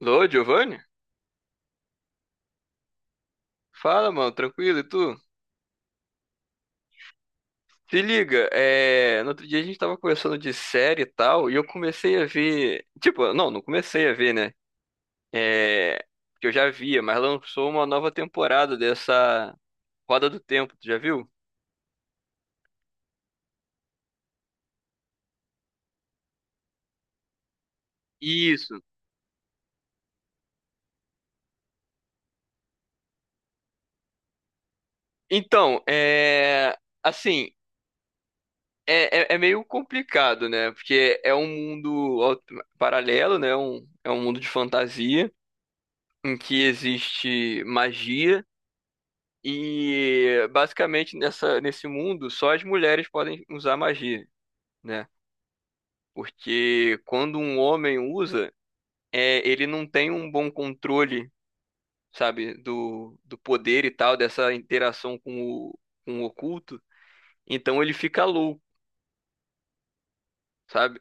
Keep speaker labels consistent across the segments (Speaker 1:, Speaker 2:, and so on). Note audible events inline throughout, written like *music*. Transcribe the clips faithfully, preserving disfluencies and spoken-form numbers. Speaker 1: Lô, Giovanni? Fala, mano, tranquilo, e tu? Se liga, é... no outro dia a gente tava conversando de série e tal, e eu comecei a ver. Tipo, não, não comecei a ver, né? É... Que eu já via, mas lançou uma nova temporada dessa Roda do Tempo, tu já viu? Isso. Então, é. Assim, é, é, é meio complicado, né? Porque é um mundo alt- paralelo, né? É Um, é um mundo de fantasia em que existe magia. E basicamente nessa, nesse mundo só as mulheres podem usar magia, né? Porque quando um homem usa, é, ele não tem um bom controle, sabe, do, do poder e tal, dessa interação com o, com o oculto. Então ele fica louco, sabe?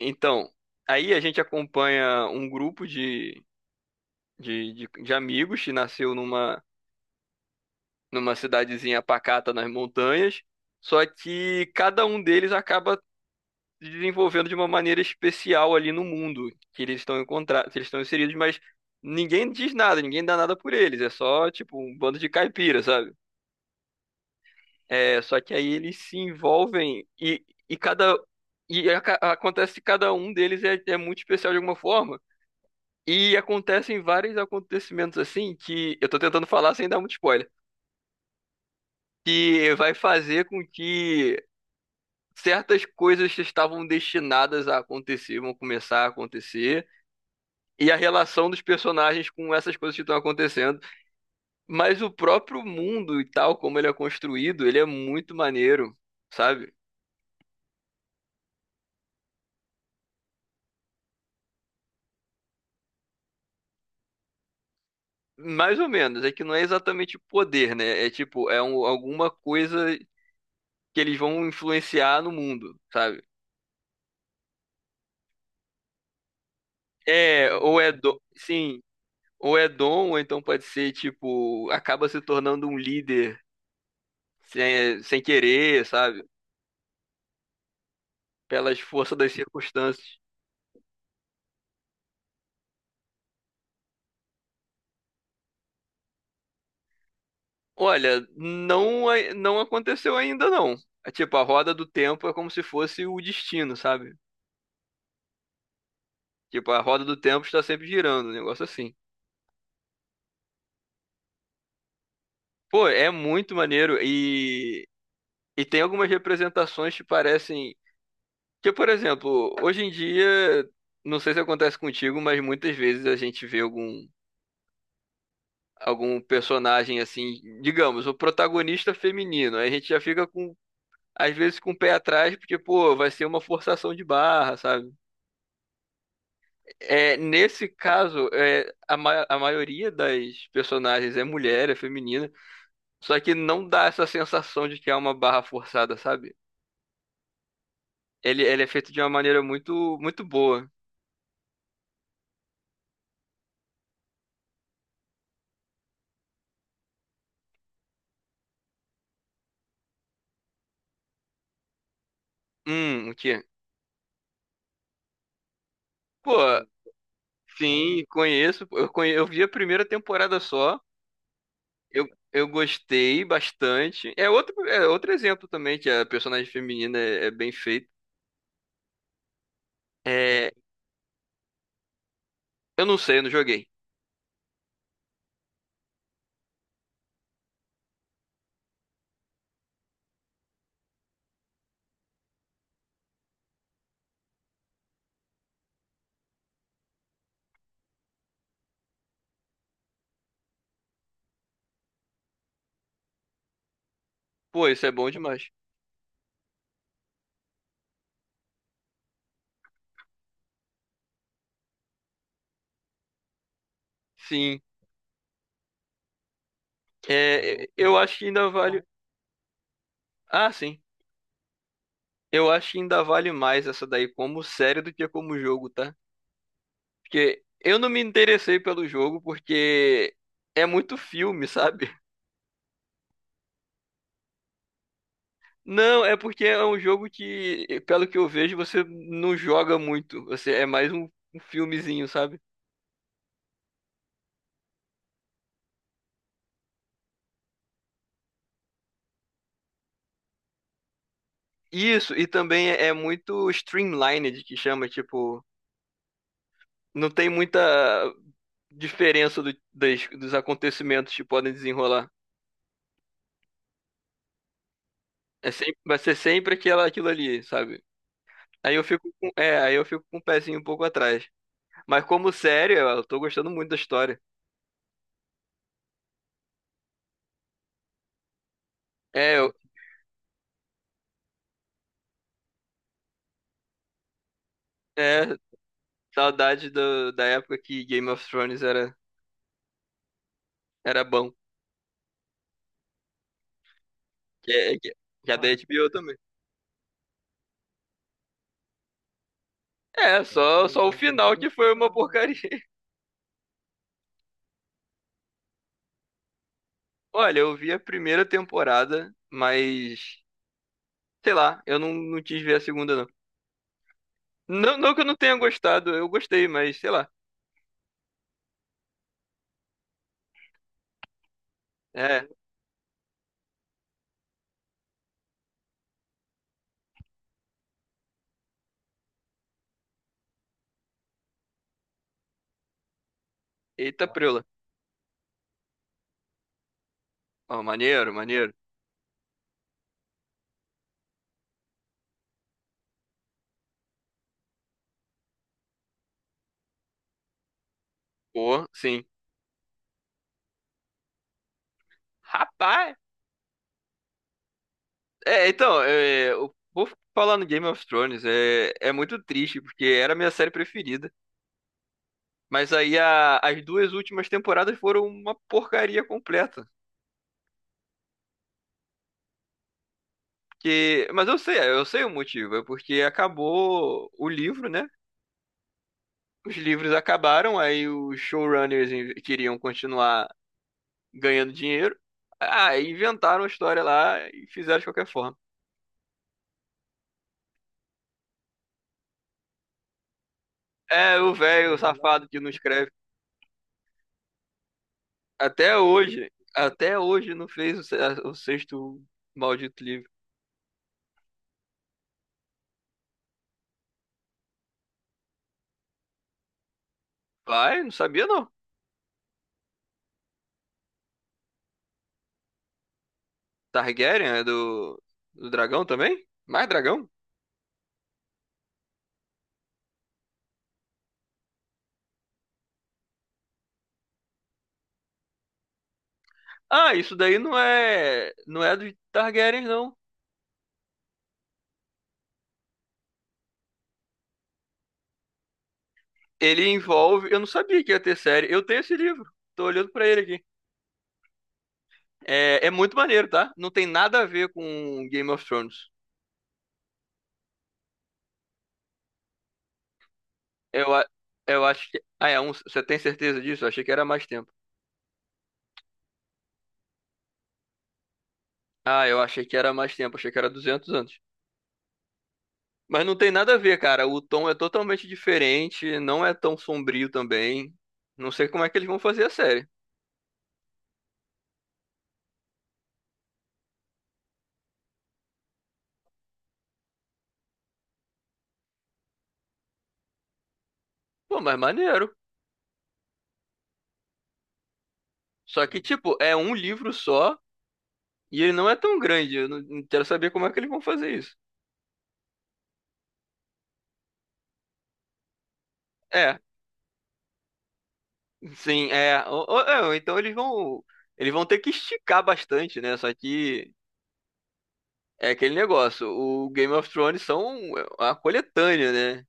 Speaker 1: Então, aí a gente acompanha um grupo de, de, de, de amigos que nasceu numa, numa cidadezinha pacata nas montanhas. Só que cada um deles acaba se desenvolvendo de uma maneira especial ali no mundo que eles estão encontrados, eles estão inseridos, mas ninguém diz nada, ninguém dá nada por eles, é só tipo um bando de caipira, sabe? É, só que aí eles se envolvem e, e cada e aca- acontece que cada um deles é, é muito especial de alguma forma. E acontecem vários acontecimentos assim que eu tô tentando falar sem dar muito spoiler, que vai fazer com que certas coisas que estavam destinadas a acontecer vão começar a acontecer e a relação dos personagens com essas coisas que estão acontecendo. Mas o próprio mundo e tal, como ele é construído, ele é muito maneiro, sabe? Mais ou menos, é que não é exatamente poder, né? É tipo, é um- alguma coisa que eles vão influenciar no mundo, sabe? É, ou é dom, sim, ou é dom, ou então pode ser, tipo, acaba se tornando um líder sem, sem querer, sabe? Pelas forças das circunstâncias. Olha, não, a- não aconteceu ainda não. É tipo, a roda do tempo é como se fosse o destino, sabe? Tipo, a roda do tempo está sempre girando, um negócio assim. Pô, é muito maneiro e, e tem algumas representações que parecem. Que, por exemplo, hoje em dia, não sei se acontece contigo, mas muitas vezes a gente vê algum, algum personagem assim, digamos, o protagonista feminino. Aí a gente já fica com, às vezes, com o pé atrás, porque, pô, vai ser uma forçação de barra, sabe? É, nesse caso, é, a, ma- a maioria das personagens é mulher, é feminina, só que não dá essa sensação de que é uma barra forçada, sabe? Ele, ele é feito de uma maneira muito, muito boa. Hum, o quê? Pô, sim, conheço. Eu, conhe- eu vi a primeira temporada só. Eu, eu gostei bastante. É outro, é outro exemplo também, que a personagem feminina é, é bem feita. É, eu não sei, eu não joguei. Pô, isso é bom demais. Sim. É, eu acho que ainda vale. Ah, sim. Eu acho que ainda vale mais essa daí como série do que como jogo, tá? Porque eu não me interessei pelo jogo porque é muito filme, sabe? Não, é porque é um jogo que, pelo que eu vejo, você não joga muito. Você é mais um, um filmezinho, sabe? Isso, e também é, é muito streamlined, que chama, tipo, não tem muita diferença do- das- dos acontecimentos que podem desenrolar. É sempre, vai ser sempre aquela, aquilo ali, sabe? Aí eu fico com, é, aí eu fico com o pezinho um pouco atrás. Mas como série, eu tô gostando muito da história. É, eu, é saudade do, da época que Game of Thrones era, era bom. Que, é- que, que é da H B O também. É, só, só o final que foi uma porcaria. *laughs* Olha, eu vi a primeira temporada, mas sei lá, eu não, não quis ver a segunda, não. Não, não que eu não tenha gostado, eu gostei, mas sei lá. É, eita preula. Ó, maneiro, maneiro. Pô, sim. Rapaz! É, então, é, o vou falar no Game of Thrones é, é muito triste, porque era a minha série preferida. Mas aí a- as duas últimas temporadas foram uma porcaria completa. Que, mas eu sei, eu sei o motivo, é porque acabou o livro, né? Os livros acabaram, aí os showrunners in- queriam continuar ganhando dinheiro. Ah, inventaram a história lá e fizeram de qualquer forma. É, o velho safado que não escreve. Até hoje, até hoje não fez o, se- a- o sexto maldito livro. Vai, não sabia não. Targaryen é do, do dragão também? Mais dragão? Ah, isso daí não é, não é do Targaryen não. Ele envolve, eu não sabia que ia ter série. Eu tenho esse livro. Tô olhando pra ele aqui. É, é muito maneiro, tá? Não tem nada a ver com Game of Thrones. Eu, a- eu acho que, ah, é um, você tem certeza disso? Eu achei que era mais tempo. Ah, eu achei que era mais tempo, achei que era duzentos anos. Mas não tem nada a ver, cara. O tom é totalmente diferente, não é tão sombrio também. Não sei como é que eles vão fazer a série. Pô, mas maneiro. Só que, tipo, é um livro só e ele não é tão grande. Eu não não quero saber como é que eles vão fazer isso. É, sim, é. O- o- é, ou então eles vão, eles vão ter que esticar bastante, né? Só que é aquele negócio. O Game of Thrones são a coletânea, né?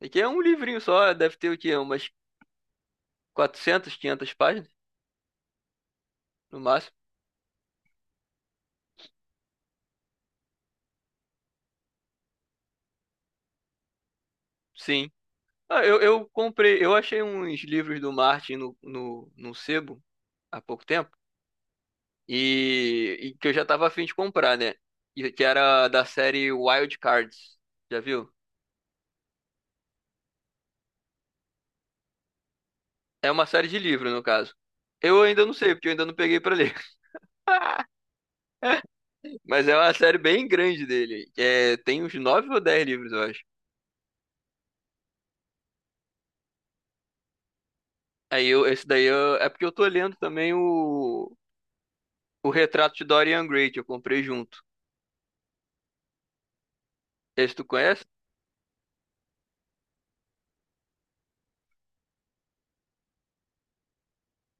Speaker 1: E que é um livrinho só, deve ter o quê? Umas quatrocentas, quinhentas páginas, no máximo. Sim. Ah, eu, eu comprei, eu achei uns livros do Martin no, no, no sebo há pouco tempo e, e que eu já tava afim de comprar, né? E que era da série Wild Cards, já viu? É uma série de livro, no caso. Eu ainda não sei, porque eu ainda não peguei pra ler. *laughs* Mas é uma série bem grande dele. É, tem uns nove ou dez livros, eu acho. Aí eu, esse daí eu- é porque eu tô lendo também o, o Retrato de Dorian Gray, que eu comprei junto. Esse tu conhece?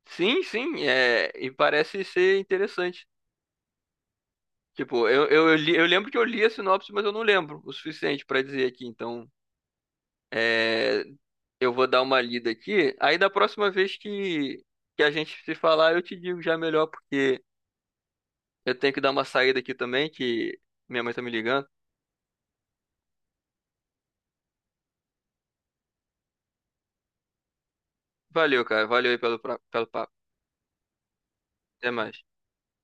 Speaker 1: Sim, sim, é, e parece ser interessante. Tipo, eu, eu, eu li- eu lembro que eu li a sinopse, mas eu não lembro o suficiente pra dizer aqui. Então, é, eu vou dar uma lida aqui. Aí, da próxima vez que, que a gente se falar, eu te digo já melhor, porque eu tenho que dar uma saída aqui também, que minha mãe tá me ligando. Valeu, cara. Valeu aí pelo, pra- pelo papo. Até mais.